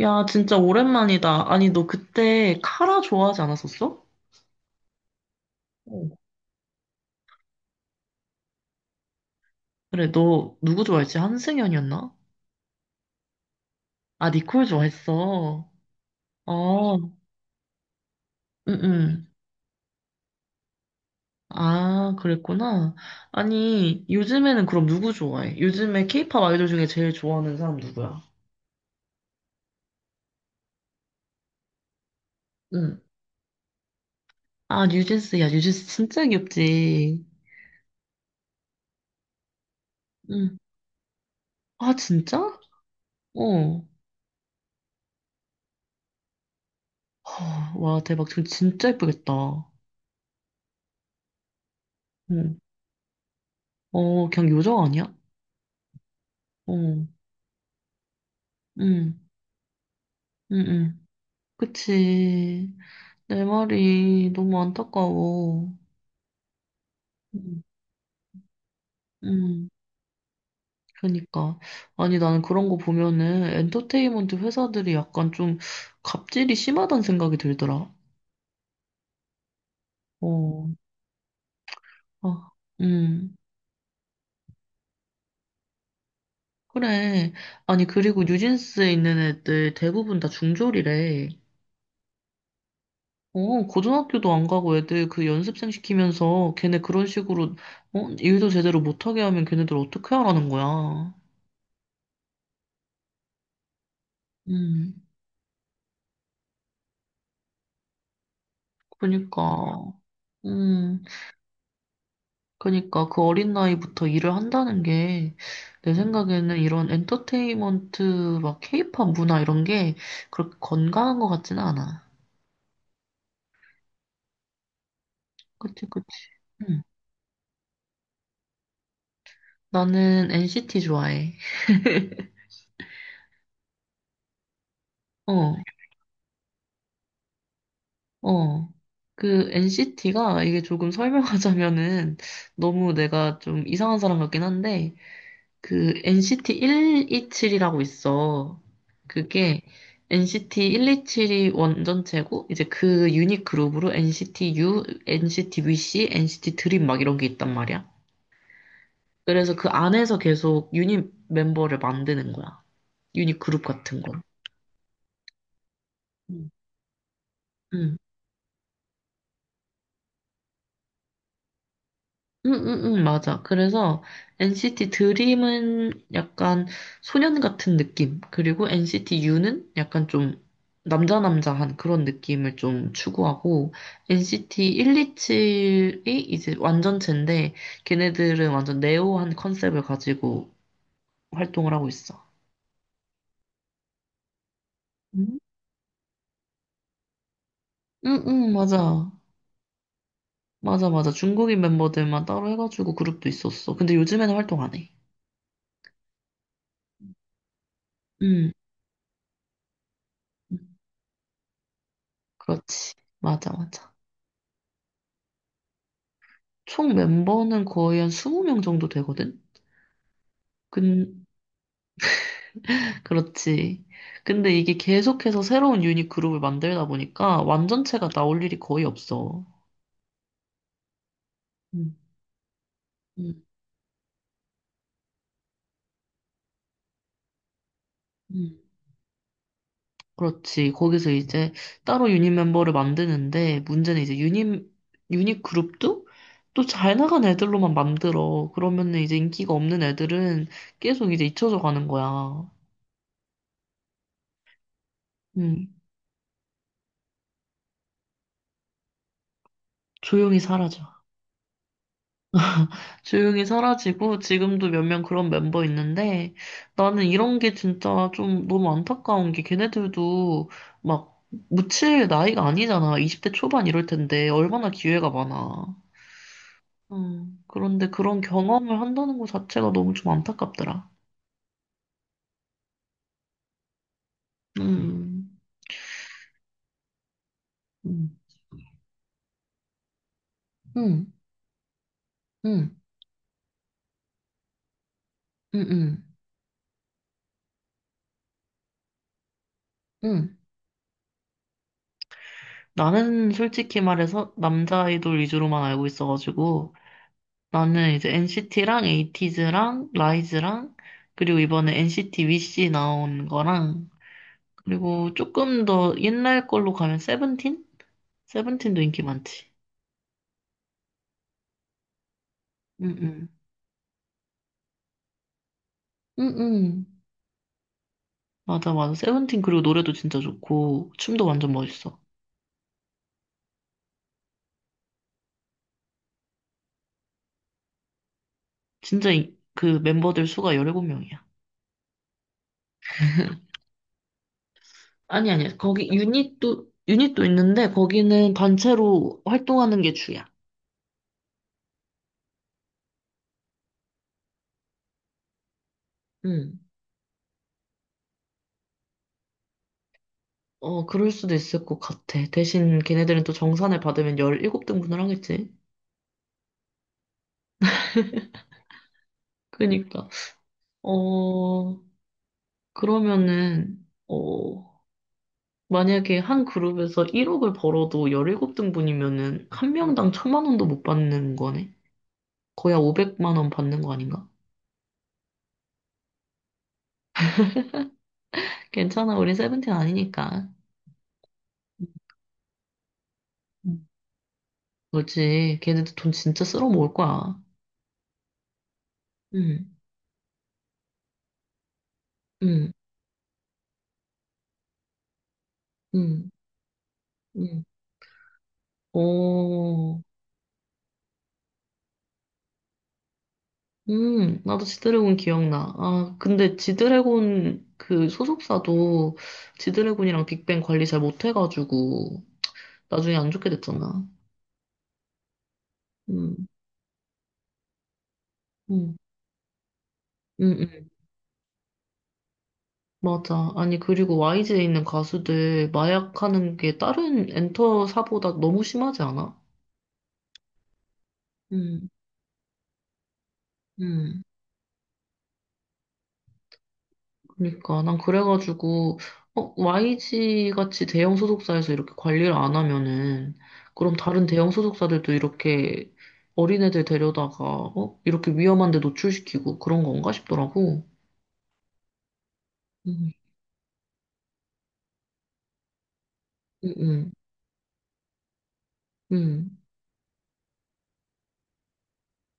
야, 진짜 오랜만이다. 아니, 너 그때 카라 좋아하지 않았었어? 응. 그래, 너 누구 좋아했지? 한승연이었나? 아, 니콜 좋아했어. 어, 응, 응. 아, 그랬구나. 아니, 요즘에는 그럼 누구 좋아해? 요즘에 케이팝 아이돌 중에 제일 좋아하는 사람 누구야? 응. 아, 뉴진스. 야, 뉴진스 진짜 귀엽지. 응. 아, 진짜? 어. 허, 와, 대박. 지금 진짜 예쁘겠다. 응. 어, 그냥 요정 아니야? 어. 응, 응, 응. 그치. 내 말이 너무 안타까워. 음, 음, 그러니까. 아니, 나는 그런 거 보면은 엔터테인먼트 회사들이 약간 좀 갑질이 심하다는 생각이 들더라. 어, 아, 음, 그래. 아니, 그리고 뉴진스에 있는 애들 대부분 다 중졸이래. 어, 고등학교도 안 가고 애들 그 연습생 시키면서 걔네 그런 식으로, 어, 일도 제대로 못하게 하면 걔네들 어떻게 하라는 거야. 음. 그니까, 음, 그니까 그 어린 나이부터 일을 한다는 게 내 생각에는 이런 엔터테인먼트 막 케이팝 문화 이런 게 그렇게 건강한 것 같지는 않아. 그치, 그치. 응. 나는 NCT 좋아해. 어, 어. 그 NCT가 이게 조금 설명하자면은 너무 내가 좀 이상한 사람 같긴 한데 그 NCT 127이라고 있어. 그게 NCT 127이 원전체고 이제 그 유닛 그룹으로 NCT U, NCT VC, NCT 드림 막 이런 게 있단 말이야. 그래서 그 안에서 계속 유닛 멤버를 만드는 거야. 유닛 그룹 같은 거. 응. 응응응 맞아. 그래서 NCT 드림은 약간 소년 같은 느낌. 그리고 NCT U는 약간 좀 남자 남자한 그런 느낌을 좀 추구하고 NCT 127이 이제 완전체인데 걔네들은 완전 네오한 컨셉을 가지고 활동을 하고 있어. 응? 응응 맞아. 맞아 맞아. 중국인 멤버들만 따로 해가지고 그룹도 있었어. 근데 요즘에는 활동 안 해. 응. 응, 그렇지. 맞아 맞아. 총 멤버는 거의 한 20명 정도 되거든? 근, 그렇지. 근데 이게 계속해서 새로운 유닛 그룹을 만들다 보니까 완전체가 나올 일이 거의 없어. 음, 음, 음. 그렇지. 거기서 이제 따로 유닛 멤버를 만드는데 문제는 이제 유닛 그룹도 또 잘 나간 애들로만 만들어. 그러면은 이제 인기가 없는 애들은 계속 이제 잊혀져 가는 거야. 음, 조용히 사라져. 조용히 사라지고 지금도 몇 명 그런 멤버 있는데 나는 이런 게 진짜 좀 너무 안타까운 게 걔네들도 막 묻힐 나이가 아니잖아. 20대 초반 이럴 텐데 얼마나 기회가 많아. 그런데 그런 경험을 한다는 것 자체가 너무 좀 안타깝더라. 음, 음, 음, 음, 음, 음. 음. 나는 솔직히 말해서 남자 아이돌 위주로만 알고 있어가지고 나는 이제 NCT랑 에이티즈랑 라이즈랑 그리고 이번에 NCT 위시 나온 거랑 그리고 조금 더 옛날 걸로 가면 세븐틴? 세븐틴도 인기 많지. 응응. 응응. 맞아 맞아. 세븐틴 그리고 노래도 진짜 좋고 춤도 완전 멋있어. 진짜 그 멤버들 수가 17명이야. 아니 아니. 거기 유닛도 있는데 거기는 단체로 활동하는 게 주야. 응. 어, 그럴 수도 있을 것 같아. 대신 걔네들은 또 정산을 받으면 17등분을 하겠지. 그러니까. 어, 그러면은, 어, 만약에 한 그룹에서 1억을 벌어도 17등분이면은 한 명당 천만 원도 못 받는 거네? 거의 한 500만 원 받는 거 아닌가? 괜찮아, 우리 세븐틴 아니니까. 음. 그렇지. 걔네들 돈 진짜 쓸어 모을 거야. 응, 응, 응, 응. 어, 나도 지드래곤 기억나. 아, 근데 지드래곤 그 소속사도 지드래곤이랑 빅뱅 관리 잘 못해가지고 나중에 안 좋게 됐잖아. 음, 음, 음, 음. 맞아. 아니, 그리고 YG에 있는 가수들 마약하는 게 다른 엔터사보다 너무 심하지 않아? 음, 음. 그러니까 난 그래가지고 어, YG 같이 대형 소속사에서 이렇게 관리를 안 하면은 그럼 다른 대형 소속사들도 이렇게 어린애들 데려다가 어? 이렇게 위험한 데 노출시키고 그런 건가 싶더라고. 음, 음, 음. 음.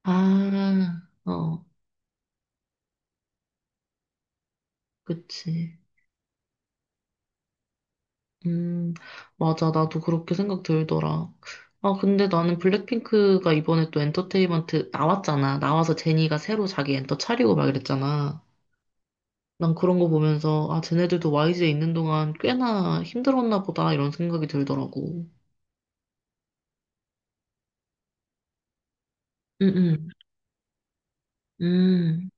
아, 어, 그치. 음, 맞아. 나도 그렇게 생각 들더라. 아, 근데 나는 블랙핑크가 이번에 또 엔터테인먼트 나왔잖아. 나와서 제니가 새로 자기 엔터 차리고 막 이랬잖아. 난 그런 거 보면서, 아, 쟤네들도 YG에 있는 동안 꽤나 힘들었나 보다, 이런 생각이 들더라고. 응, 응, 음,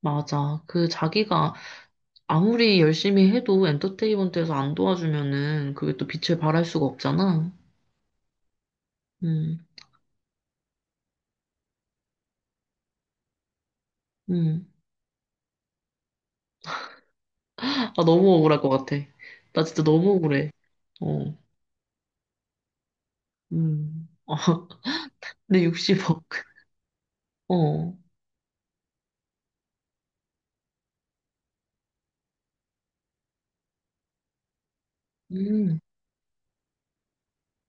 맞아. 그 자기가 아무리 열심히 해도 엔터테인먼트에서 안 도와주면은 그게 또 빛을 발할 수가 없잖아. 음, 음. 아, 너무 억울할 것 같아. 나 진짜 너무 억울해. 어, 아, 내 60억. 어, 음.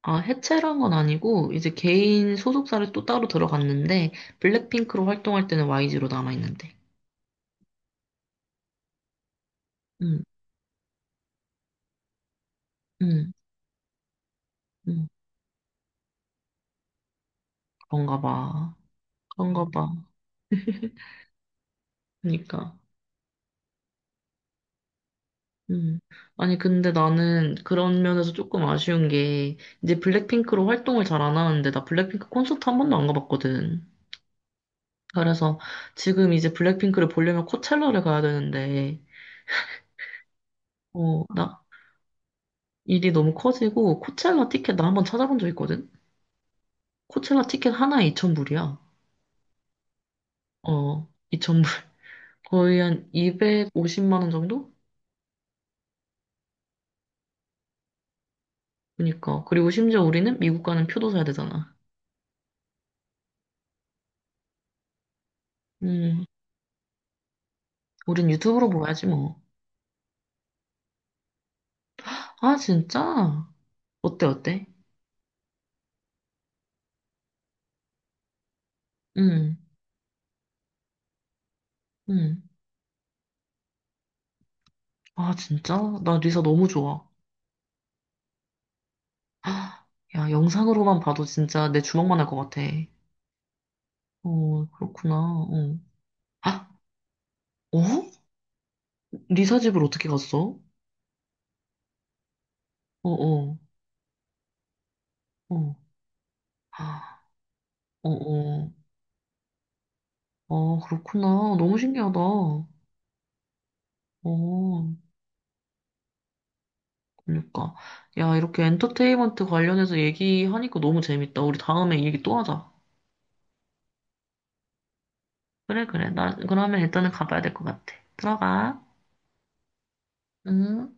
아, 해체란 건 아니고, 이제 개인 소속사를 또 따로 들어갔는데, 블랙핑크로 활동할 때는 YG로 남아있는데. 응 응 응 그런가 봐. 그런가 봐. 그러니까. 음. 아니, 근데 나는 그런 면에서 조금 아쉬운 게, 이제 블랙핑크로 활동을 잘 안 하는데, 나 블랙핑크 콘서트 한 번도 안 가봤거든. 그래서 지금 이제 블랙핑크를 보려면 코첼라를 가야 되는데, 어, 나 일이 너무 커지고, 코첼라 티켓 나 한번 찾아본 적 있거든? 코첼라 티켓 하나에 2,000불이야. 어, 이천 불 거의 한 250만 원 정도? 그니까. 그리고 심지어 우리는 미국 가는 표도 사야 되잖아. 음, 우린 유튜브로 봐야지 뭐. 아, 진짜? 어때, 어때? 음, 음. 아, 진짜? 나 리사 너무 좋아. 아, 야, 영상으로만 봐도 진짜 내 주먹만 할 것 같아. 어, 그렇구나. 어. 아, 어? 리사 집을 어떻게 갔어? 어, 어, 어. 아, 어, 어. 아, 그렇구나. 너무 신기하다. 어. 그러니까. 야, 이렇게 엔터테인먼트 관련해서 얘기하니까 너무 재밌다. 우리 다음에 얘기 또 하자. 그래, 그래. 나, 그러면 일단은 가봐야 될 것 같아. 들어가. 응.